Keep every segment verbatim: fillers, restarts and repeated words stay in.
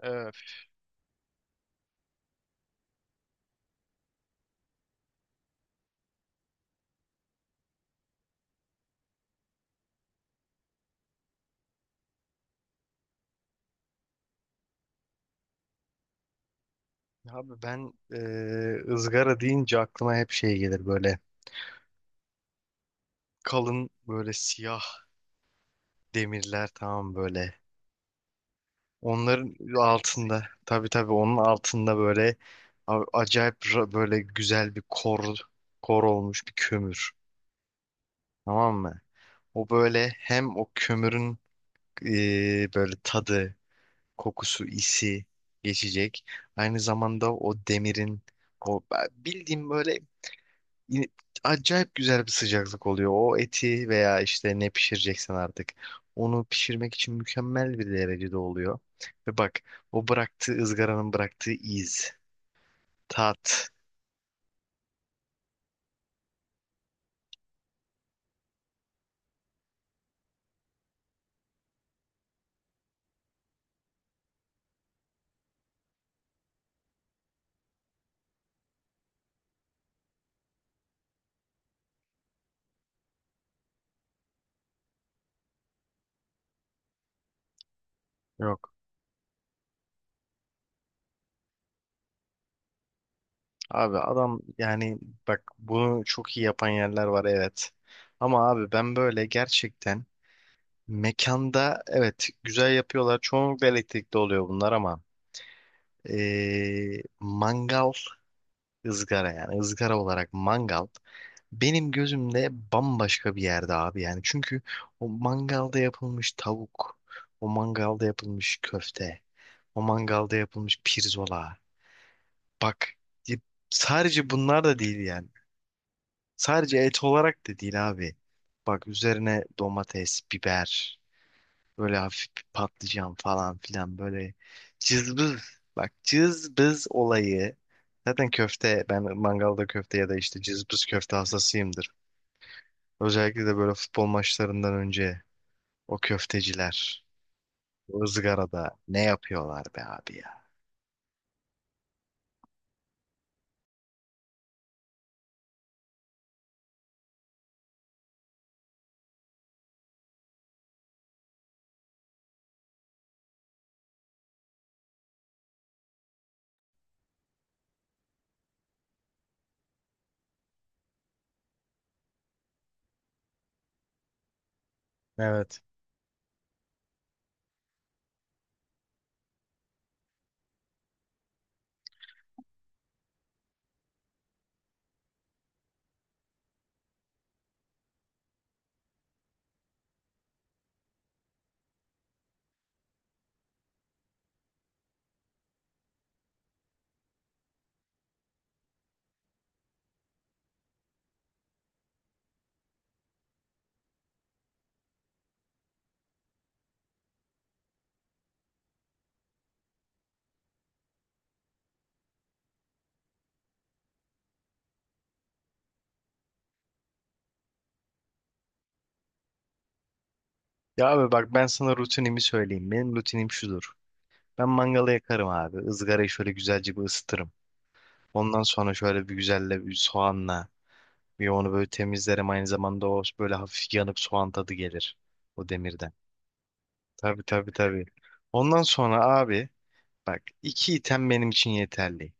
Evet. Abi ben e, ızgara deyince aklıma hep şey gelir böyle kalın böyle siyah demirler, tamam böyle. Onların altında, tabii tabii, onun altında böyle a- acayip ra- böyle güzel bir kor kor olmuş bir kömür, tamam mı? O böyle hem o kömürün e, böyle tadı, kokusu, isi geçecek. Aynı zamanda o demirin o bildiğim böyle, yine acayip güzel bir sıcaklık oluyor. O eti veya işte ne pişireceksen artık, onu pişirmek için mükemmel bir derecede oluyor. Ve bak, o bıraktığı ızgaranın bıraktığı iz, tat yok. Abi adam yani, bak bunu çok iyi yapan yerler var, evet. Ama abi ben böyle gerçekten, mekanda evet güzel yapıyorlar. Çoğunlukla elektrikli oluyor bunlar ama ee, mangal, ızgara, yani ızgara olarak mangal benim gözümde bambaşka bir yerde abi yani. Çünkü o mangalda yapılmış tavuk, o mangalda yapılmış köfte, o mangalda yapılmış pirzola. Bak, y- sadece bunlar da değil yani. Sadece et olarak da değil abi. Bak, üzerine domates, biber, böyle hafif bir patlıcan falan filan, böyle cızbız. Bak, cızbız olayı. Zaten köfte, ben mangalda köfte ya da işte cızbız köfte hastasıyımdır. Özellikle de böyle futbol maçlarından önce o köfteciler o ızgarada ne yapıyorlar be abi ya. Evet. Ya abi bak, ben sana rutinimi söyleyeyim. Benim rutinim şudur. Ben mangalı yakarım abi. Izgarayı şöyle güzelce bir ısıtırım. Ondan sonra şöyle bir güzelle bir soğanla bir onu böyle temizlerim. Aynı zamanda o böyle hafif yanıp soğan tadı gelir o demirden. Tabii tabii tabii. Ondan sonra abi, bak, iki item benim için yeterli.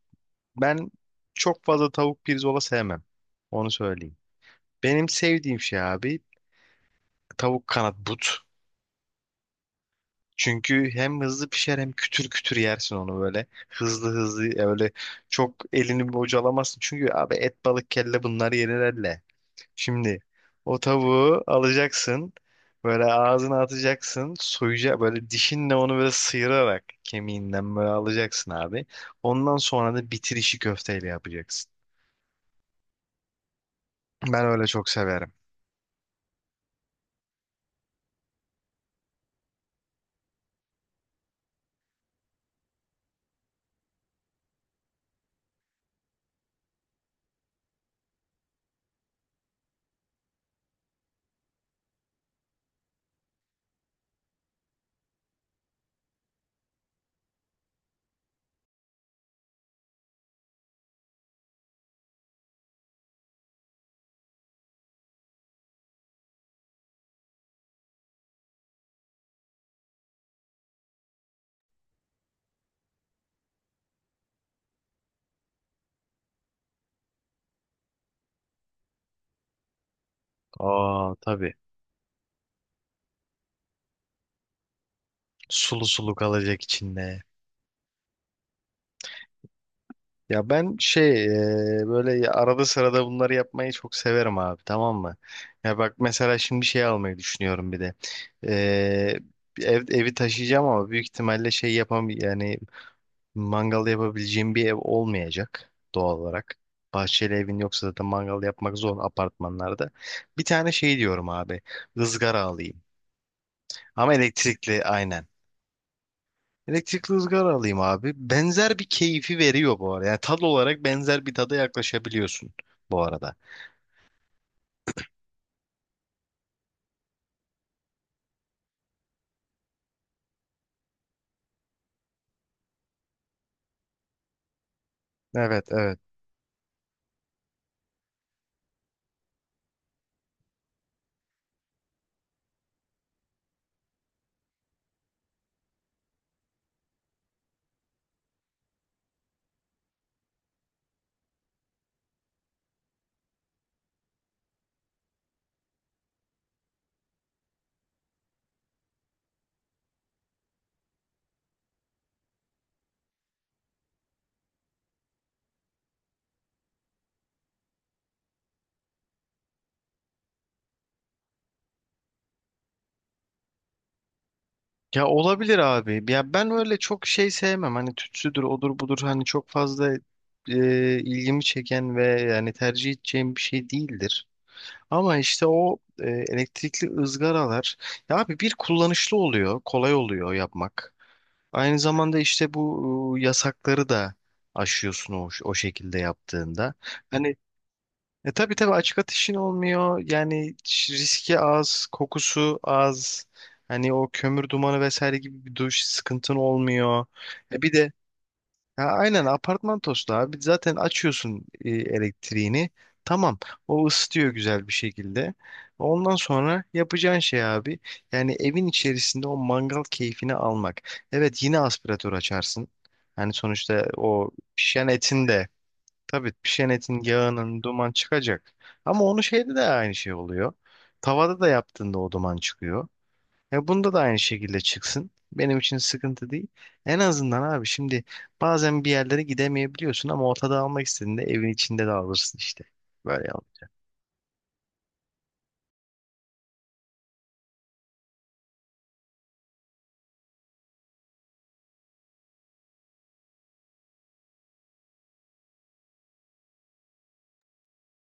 Ben çok fazla tavuk pirzola sevmem. Onu söyleyeyim. Benim sevdiğim şey abi, tavuk kanat but. Çünkü hem hızlı pişer hem kütür kütür yersin onu böyle. Hızlı hızlı öyle, çok elini bocalamazsın. Çünkü abi, et balık kelle bunlar yenir elle. Şimdi o tavuğu alacaksın. Böyle ağzına atacaksın. Soyacak böyle dişinle, onu böyle sıyırarak kemiğinden böyle alacaksın abi. Ondan sonra da bitirişi köfteyle yapacaksın. Ben öyle çok severim. Aa tabii. Sulu sulu kalacak içinde. Ya ben şey, e, böyle ya- arada sırada bunları yapmayı çok severim abi, tamam mı? Ya bak mesela, şimdi şey almayı düşünüyorum bir de. E, ev, evi taşıyacağım ama büyük ihtimalle şey, yapam yani, mangal yapabileceğim bir ev olmayacak doğal olarak. Bahçeli evin yoksa zaten mangal yapmak zor apartmanlarda. Bir tane şey diyorum abi, ızgara alayım. Ama elektrikli, aynen. Elektrikli ızgara alayım abi. Benzer bir keyfi veriyor bu arada. Yani tad olarak benzer bir tada yaklaşabiliyorsun bu arada. Evet evet. Ya olabilir abi. Ya ben öyle çok şey sevmem. Hani tütsüdür, odur budur. Hani çok fazla e, ilgimi çeken ve yani tercih edeceğim bir şey değildir. Ama işte o e, elektrikli ızgaralar, ya abi, bir kullanışlı oluyor, kolay oluyor yapmak. Aynı zamanda işte bu e, yasakları da aşıyorsun o, o şekilde yaptığında. Hani, e tabii tabii açık ateşin olmuyor. Yani ş- riski az, kokusu az. Hani o kömür dumanı vesaire gibi bir duş sıkıntın olmuyor. E bir de, ya aynen, apartman tostu abi. Zaten açıyorsun e, elektriğini. Tamam. O ısıtıyor güzel bir şekilde. Ondan sonra yapacağın şey abi, yani evin içerisinde o mangal keyfini almak. Evet, yine aspiratör açarsın. Yani sonuçta o pişen etin de, tabii pişenetin yağının duman çıkacak. Ama onu şeyde de aynı şey oluyor. Tavada da yaptığında o duman çıkıyor. E bunda da aynı şekilde çıksın. Benim için sıkıntı değil. En azından abi, şimdi bazen bir yerlere gidemeyebiliyorsun ama ortada almak istediğinde evin içinde de alırsın işte. Böyle yap.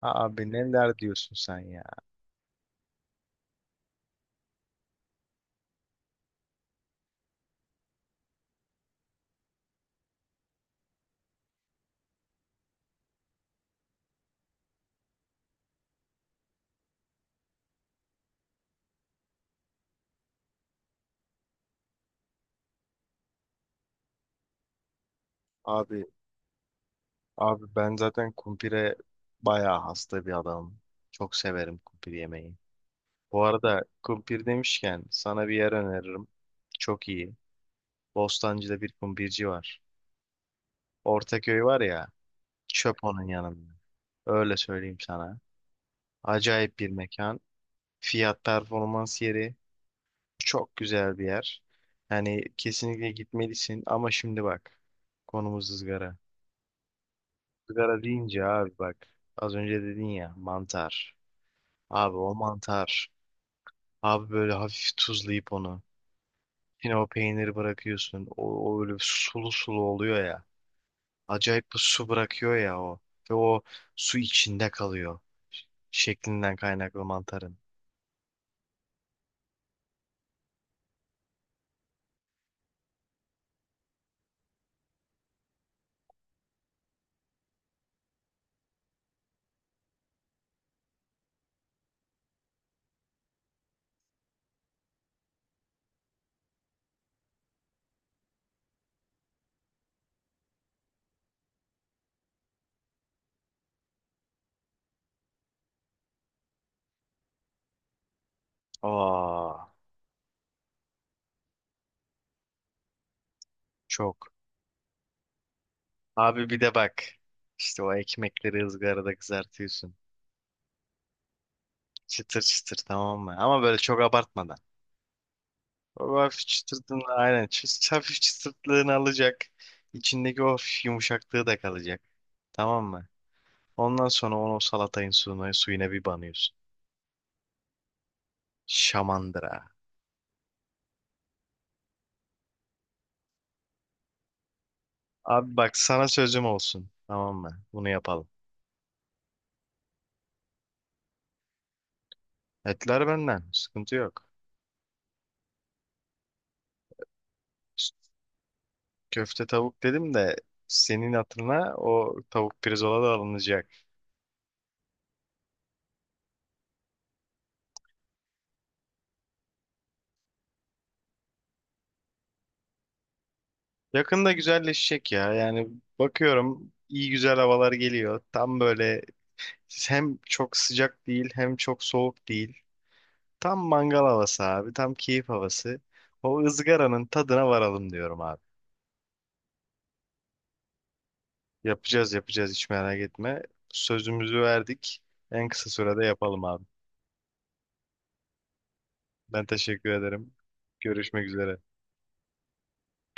Abi neler diyorsun sen ya? Abi, abi ben zaten kumpire bayağı hasta bir adamım. Çok severim kumpir yemeği. Bu arada kumpir demişken sana bir yer öneririm. Çok iyi. Bostancı'da bir kumbirci var. Ortaköy var ya, çöp onun yanında. Öyle söyleyeyim sana. Acayip bir mekan. Fiyat performans yeri. Çok güzel bir yer. Yani kesinlikle gitmelisin ama şimdi bak. Konumuz ızgara. Izgara deyince abi bak, az önce dedin ya mantar. Abi o mantar. Abi böyle hafif tuzlayıp onu. Yine o peyniri bırakıyorsun. O, o öyle sulu sulu oluyor ya. Acayip bir su bırakıyor ya o. Ve o su içinde kalıyor. Ş- Şeklinden kaynaklı mantarın. Aa, çok. Abi bir de bak. İşte o ekmekleri ızgarada kızartıyorsun. Çıtır çıtır, tamam mı? Ama böyle çok abartmadan. O hafif çıtırtını aynen. çı- Hafif çıtırtlığını alacak. İçindeki o hafif yumuşaklığı da kalacak. Tamam mı? Ondan sonra onu o salatayın suyuna, suyuna bir banıyorsun. Şamandıra. Abi bak, sana sözüm olsun. Tamam mı? Bunu yapalım. Etler benden. Sıkıntı yok. Köfte tavuk dedim de, senin hatırına o tavuk pirzola da alınacak. Yakında güzelleşecek ya. Yani bakıyorum iyi güzel havalar geliyor. Tam böyle, hem çok sıcak değil hem çok soğuk değil. Tam mangal havası abi. Tam keyif havası. O ızgaranın tadına varalım diyorum abi. Yapacağız yapacağız, hiç merak etme. Sözümüzü verdik. En kısa sürede yapalım abi. Ben teşekkür ederim. Görüşmek üzere.